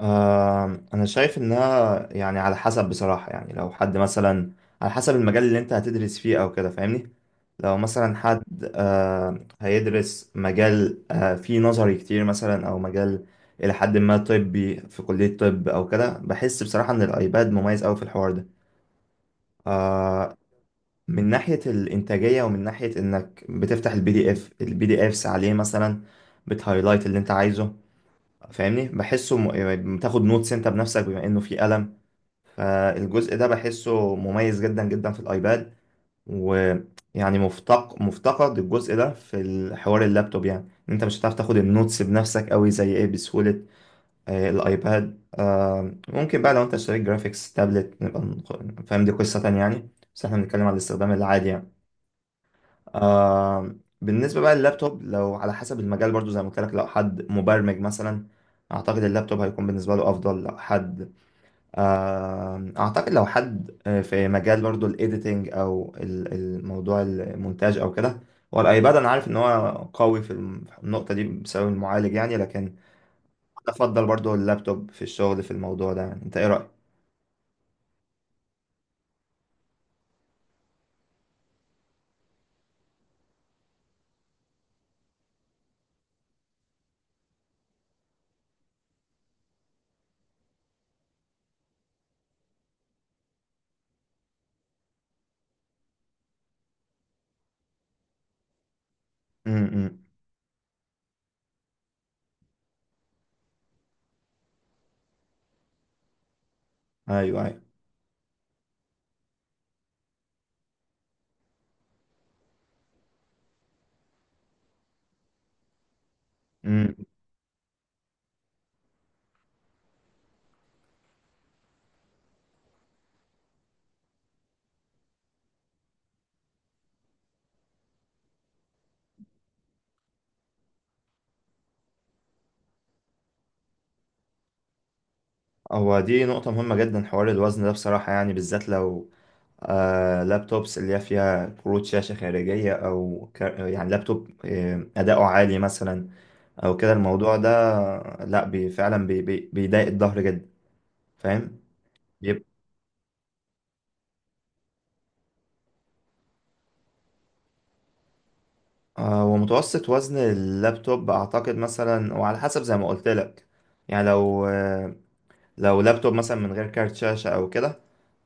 انا شايف انها يعني على حسب بصراحة يعني لو حد مثلا على حسب المجال اللي انت هتدرس فيه او كده فاهمني. لو مثلا حد هيدرس مجال فيه نظري كتير مثلا او مجال الى حد ما طبي في كلية طب او كده، بحس بصراحة ان الايباد مميز اوي في الحوار ده. آه، من ناحية الانتاجية، ومن ناحية انك بتفتح البي دي اف البي دي افس عليه مثلا، بتهايلايت اللي انت عايزه. فاهمني بحسه يعني بتاخد نوتس انت بنفسك بما انه في قلم، فالجزء ده بحسه مميز جدا جدا في الايباد. ويعني مفتقد الجزء ده في الحوار اللابتوب، يعني إن انت مش هتعرف تاخد النوتس بنفسك قوي زي ايه بسهولة. الايباد ممكن بقى لو انت اشتريت جرافيكس تابلت نبقى فاهم دي قصة تانية يعني، بس احنا بنتكلم على الاستخدام العادي يعني. آه بالنسبة بقى لللابتوب، لو على حسب المجال برضو زي ما قلت لك، لو حد مبرمج مثلا أعتقد اللابتوب هيكون بالنسبة له أفضل. لو حد آه أعتقد لو حد آه، في مجال برضو الإيديتنج أو الموضوع المونتاج أو كده، هو الأيباد أنا عارف إن هو قوي في في النقطة دي بسبب المعالج، يعني لكن أنا أفضل برضو اللابتوب في الشغل في الموضوع ده. يعني أنت إيه رأيك؟ م- م. أيوه، أيوه، هو دي نقطة مهمة جدا حوار الوزن ده بصراحة، يعني بالذات لو لابتوبس اللي هي فيها كروت شاشة خارجية أو يعني لابتوب أداؤه عالي مثلا أو كده الموضوع ده. لأ بي فعلا بي بي بيضايق الظهر جدا، فاهم؟ بيبقى، ومتوسط وزن اللابتوب أعتقد مثلا وعلى حسب زي ما قلت لك، يعني لو لو لابتوب مثلا من غير كارت شاشة أو كده،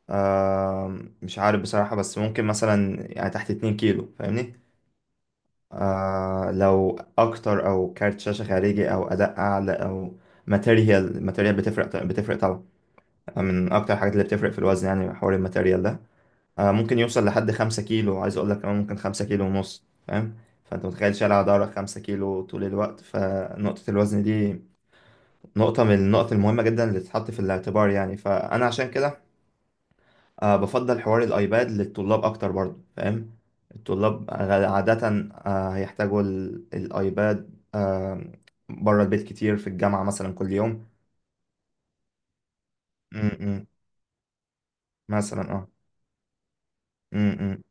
آه مش عارف بصراحة، بس ممكن مثلا يعني تحت 2 كيلو فاهمني؟ آه لو اكتر او كارت شاشه خارجي او اداء اعلى او الماتيريال بتفرق طبعا. من اكتر الحاجات اللي بتفرق في الوزن يعني حوار الماتيريال ده. آه ممكن يوصل لحد 5 كيلو، عايز اقول لك كمان ممكن 5 كيلو ونص فاهم. فانت متخيل شايل على ظهرك 5 كيلو طول الوقت، فنقطه الوزن دي نقطه من النقط المهمه جدا اللي تتحط في الاعتبار يعني. فانا عشان كده أه بفضل حوار الأيباد للطلاب أكتر برضو فاهم. الطلاب عادة أه هيحتاجوا الأيباد أه بره البيت كتير في الجامعة مثلا كل يوم. م -م. مثلا اه. م -م.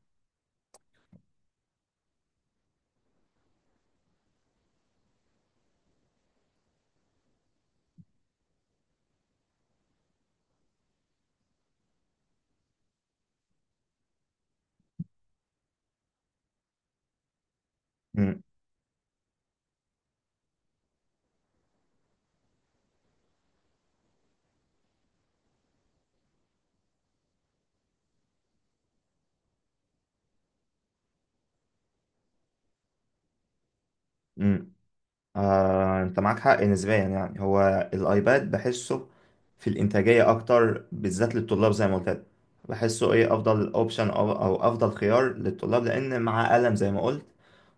م -م. آه، انت معاك حق نسبيا، يعني هو الايباد بحسه في الانتاجيه اكتر بالذات للطلاب زي ما قلت لك. بحسه ايه افضل اوبشن او افضل خيار للطلاب لان معاه قلم زي ما قلت.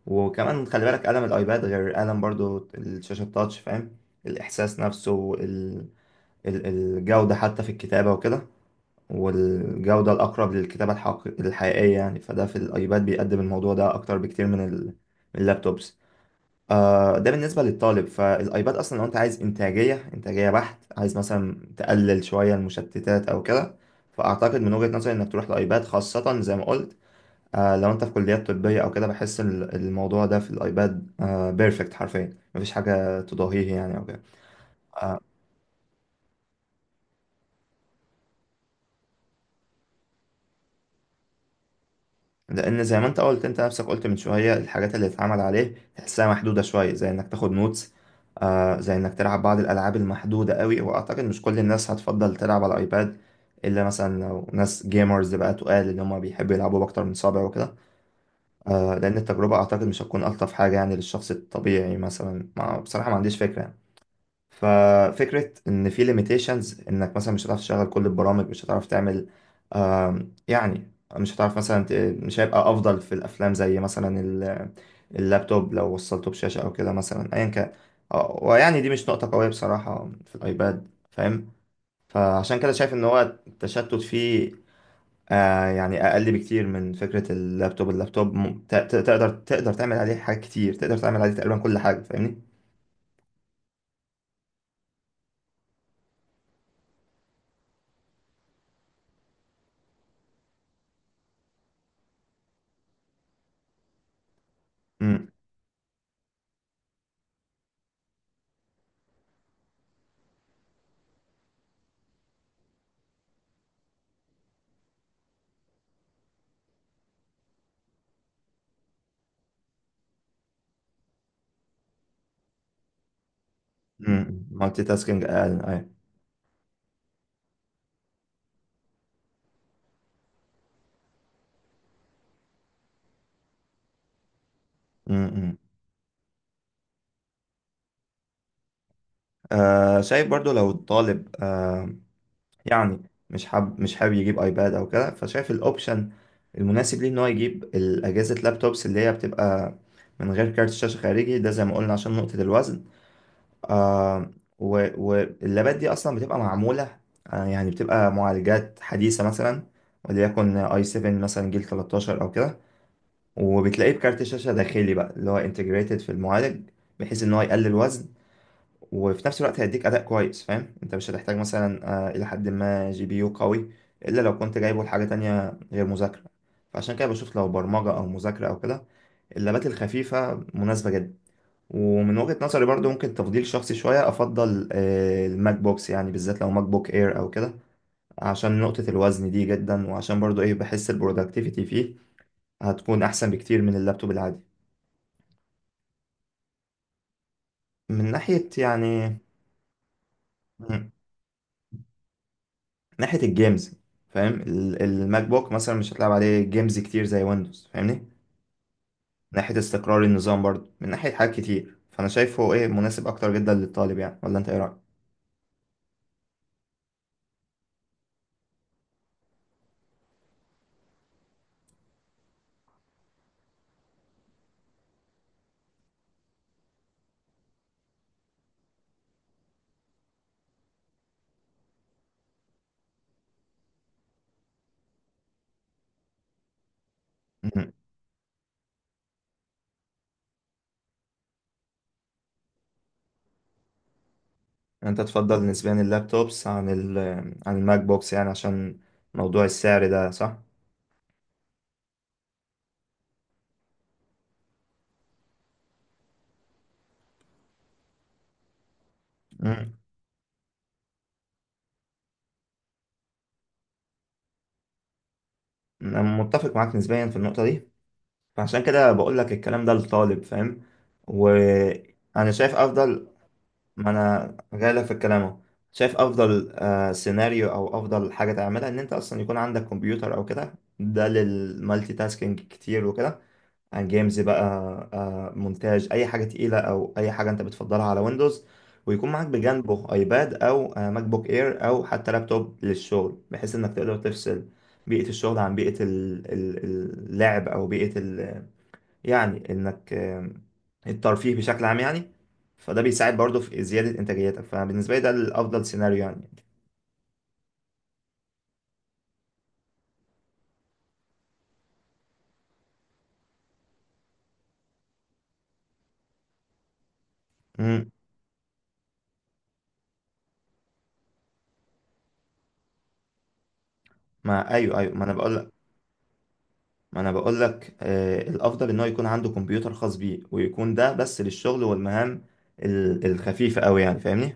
وكمان خلي بالك قلم الايباد غير قلم برضو الشاشه التاتش فاهم. الاحساس نفسه، الجوده حتى في الكتابه وكده، والجوده الاقرب للكتابه الحقيقيه يعني، فده في الايباد بيقدم الموضوع ده اكتر بكتير من من اللابتوبس. ده بالنسبة للطالب. فالأيباد أصلا لو أنت عايز إنتاجية، إنتاجية بحت، عايز مثلا تقلل شوية المشتتات أو كده، فأعتقد من وجهة نظري إنك تروح لأيباد. خاصة زي ما قلت لو أنت في كليات طبية أو كده، بحس الموضوع ده في الأيباد آه بيرفكت حرفيا، مفيش حاجة تضاهيه يعني أو كده. لان زي ما انت قلت، انت نفسك قلت من شويه، الحاجات اللي اتعمل عليه تحسها محدوده شويه، زي انك تاخد نوتس، آه زي انك تلعب بعض الالعاب المحدوده قوي، واعتقد مش كل الناس هتفضل تلعب على الايباد، الا مثلا لو ناس جيمرز بقى تقال ان هم بيحبوا يلعبوا باكتر من صابع وكده. آه لان التجربه اعتقد مش هتكون الطف حاجه يعني للشخص الطبيعي، مثلا ما بصراحه ما عنديش فكره. ففكرة إن في limitations، إنك مثلا مش هتعرف تشغل كل البرامج، مش هتعرف تعمل يعني مش هتعرف مثلا مش هيبقى أفضل في الأفلام زي مثلا اللابتوب لو وصلته بشاشة أو كده مثلا أيا كان. ويعني دي مش نقطة قوية بصراحة في الأيباد فاهم. فعشان كده شايف إن هو التشتت فيه يعني أقل بكتير من فكرة اللابتوب. تقدر تعمل عليه حاجات كتير، تقدر تعمل عليه تقريبا كل حاجة فاهمني؟ مم. مالتي تاسكينج أقل. أيوة. امم امم. آه شايف برضو لو الطالب يعني مش حابب يجيب ايباد او كده، فشايف الاوبشن المناسب ليه ان هو يجيب الاجهزه اللابتوبس اللي هي بتبقى من غير كارت شاشه خارجي، ده زي ما قلنا عشان نقطه الوزن. آه واللابات دي اصلا بتبقى معموله يعني بتبقى معالجات حديثه، مثلا وليكن اي 7 مثلا جيل 13 او كده، وبتلاقيه بكارت شاشه داخلي بقى اللي هو انتجريتد في المعالج، بحيث ان هو يقلل وزن وفي نفس الوقت هيديك اداء كويس فاهم. انت مش هتحتاج مثلا الى حد ما جي بي يو قوي، الا لو كنت جايبه لحاجه تانية غير مذاكره. فعشان كده بشوف لو برمجه او مذاكره او كده، اللابات الخفيفه مناسبه جدا. ومن وجهه نظري برضو، ممكن تفضيل شخصي شويه، افضل الماك بوكس يعني، بالذات لو ماك بوك اير او كده، عشان نقطه الوزن دي جدا، وعشان برضو ايه بحس البرودكتيفيتي فيه هتكون احسن بكتير من اللابتوب العادي. من ناحيه يعني ناحية الجيمز فاهم. الماك بوك مثلا مش هتلعب عليه جيمز كتير زي ويندوز فاهمني. ناحية استقرار النظام برضه، من ناحية حاجات كتير، فأنا شايفه إيه مناسب أكتر جدا للطالب يعني، ولا أنت إيه رأيك؟ مم. أنت تفضل نسبيا اللابتوبس عن ال عن الماك بوكس يعني عشان موضوع السعر ده، صح؟ مم. أنا متفق معاك نسبيا في النقطة دي، فعشان كده بقول لك الكلام ده للطالب فاهم؟ وأنا شايف أفضل. ما انا جايلك في الكلام اهو، شايف افضل سيناريو او افضل حاجه تعملها ان انت اصلا يكون عندك كمبيوتر او كده، ده للمالتي تاسكينج كتير وكده، عن جيمز بقى مونتاج، اي حاجه تقيله او اي حاجه انت بتفضلها على ويندوز، ويكون معاك بجانبه ايباد او ماك بوك اير او حتى لابتوب للشغل، بحيث انك تقدر تفصل بيئه الشغل عن بيئه اللعب، او بيئه يعني انك الترفيه بشكل عام يعني. فده بيساعد برضه في زيادة انتاجيتك، فبالنسبة لي ده الافضل سيناريو يعني. امم. ما ايوه ايوه ما انا بقول لك الافضل ان هو يكون عنده كمبيوتر خاص بيه، ويكون ده بس للشغل والمهام الخفيفة قوي يعني فاهمني.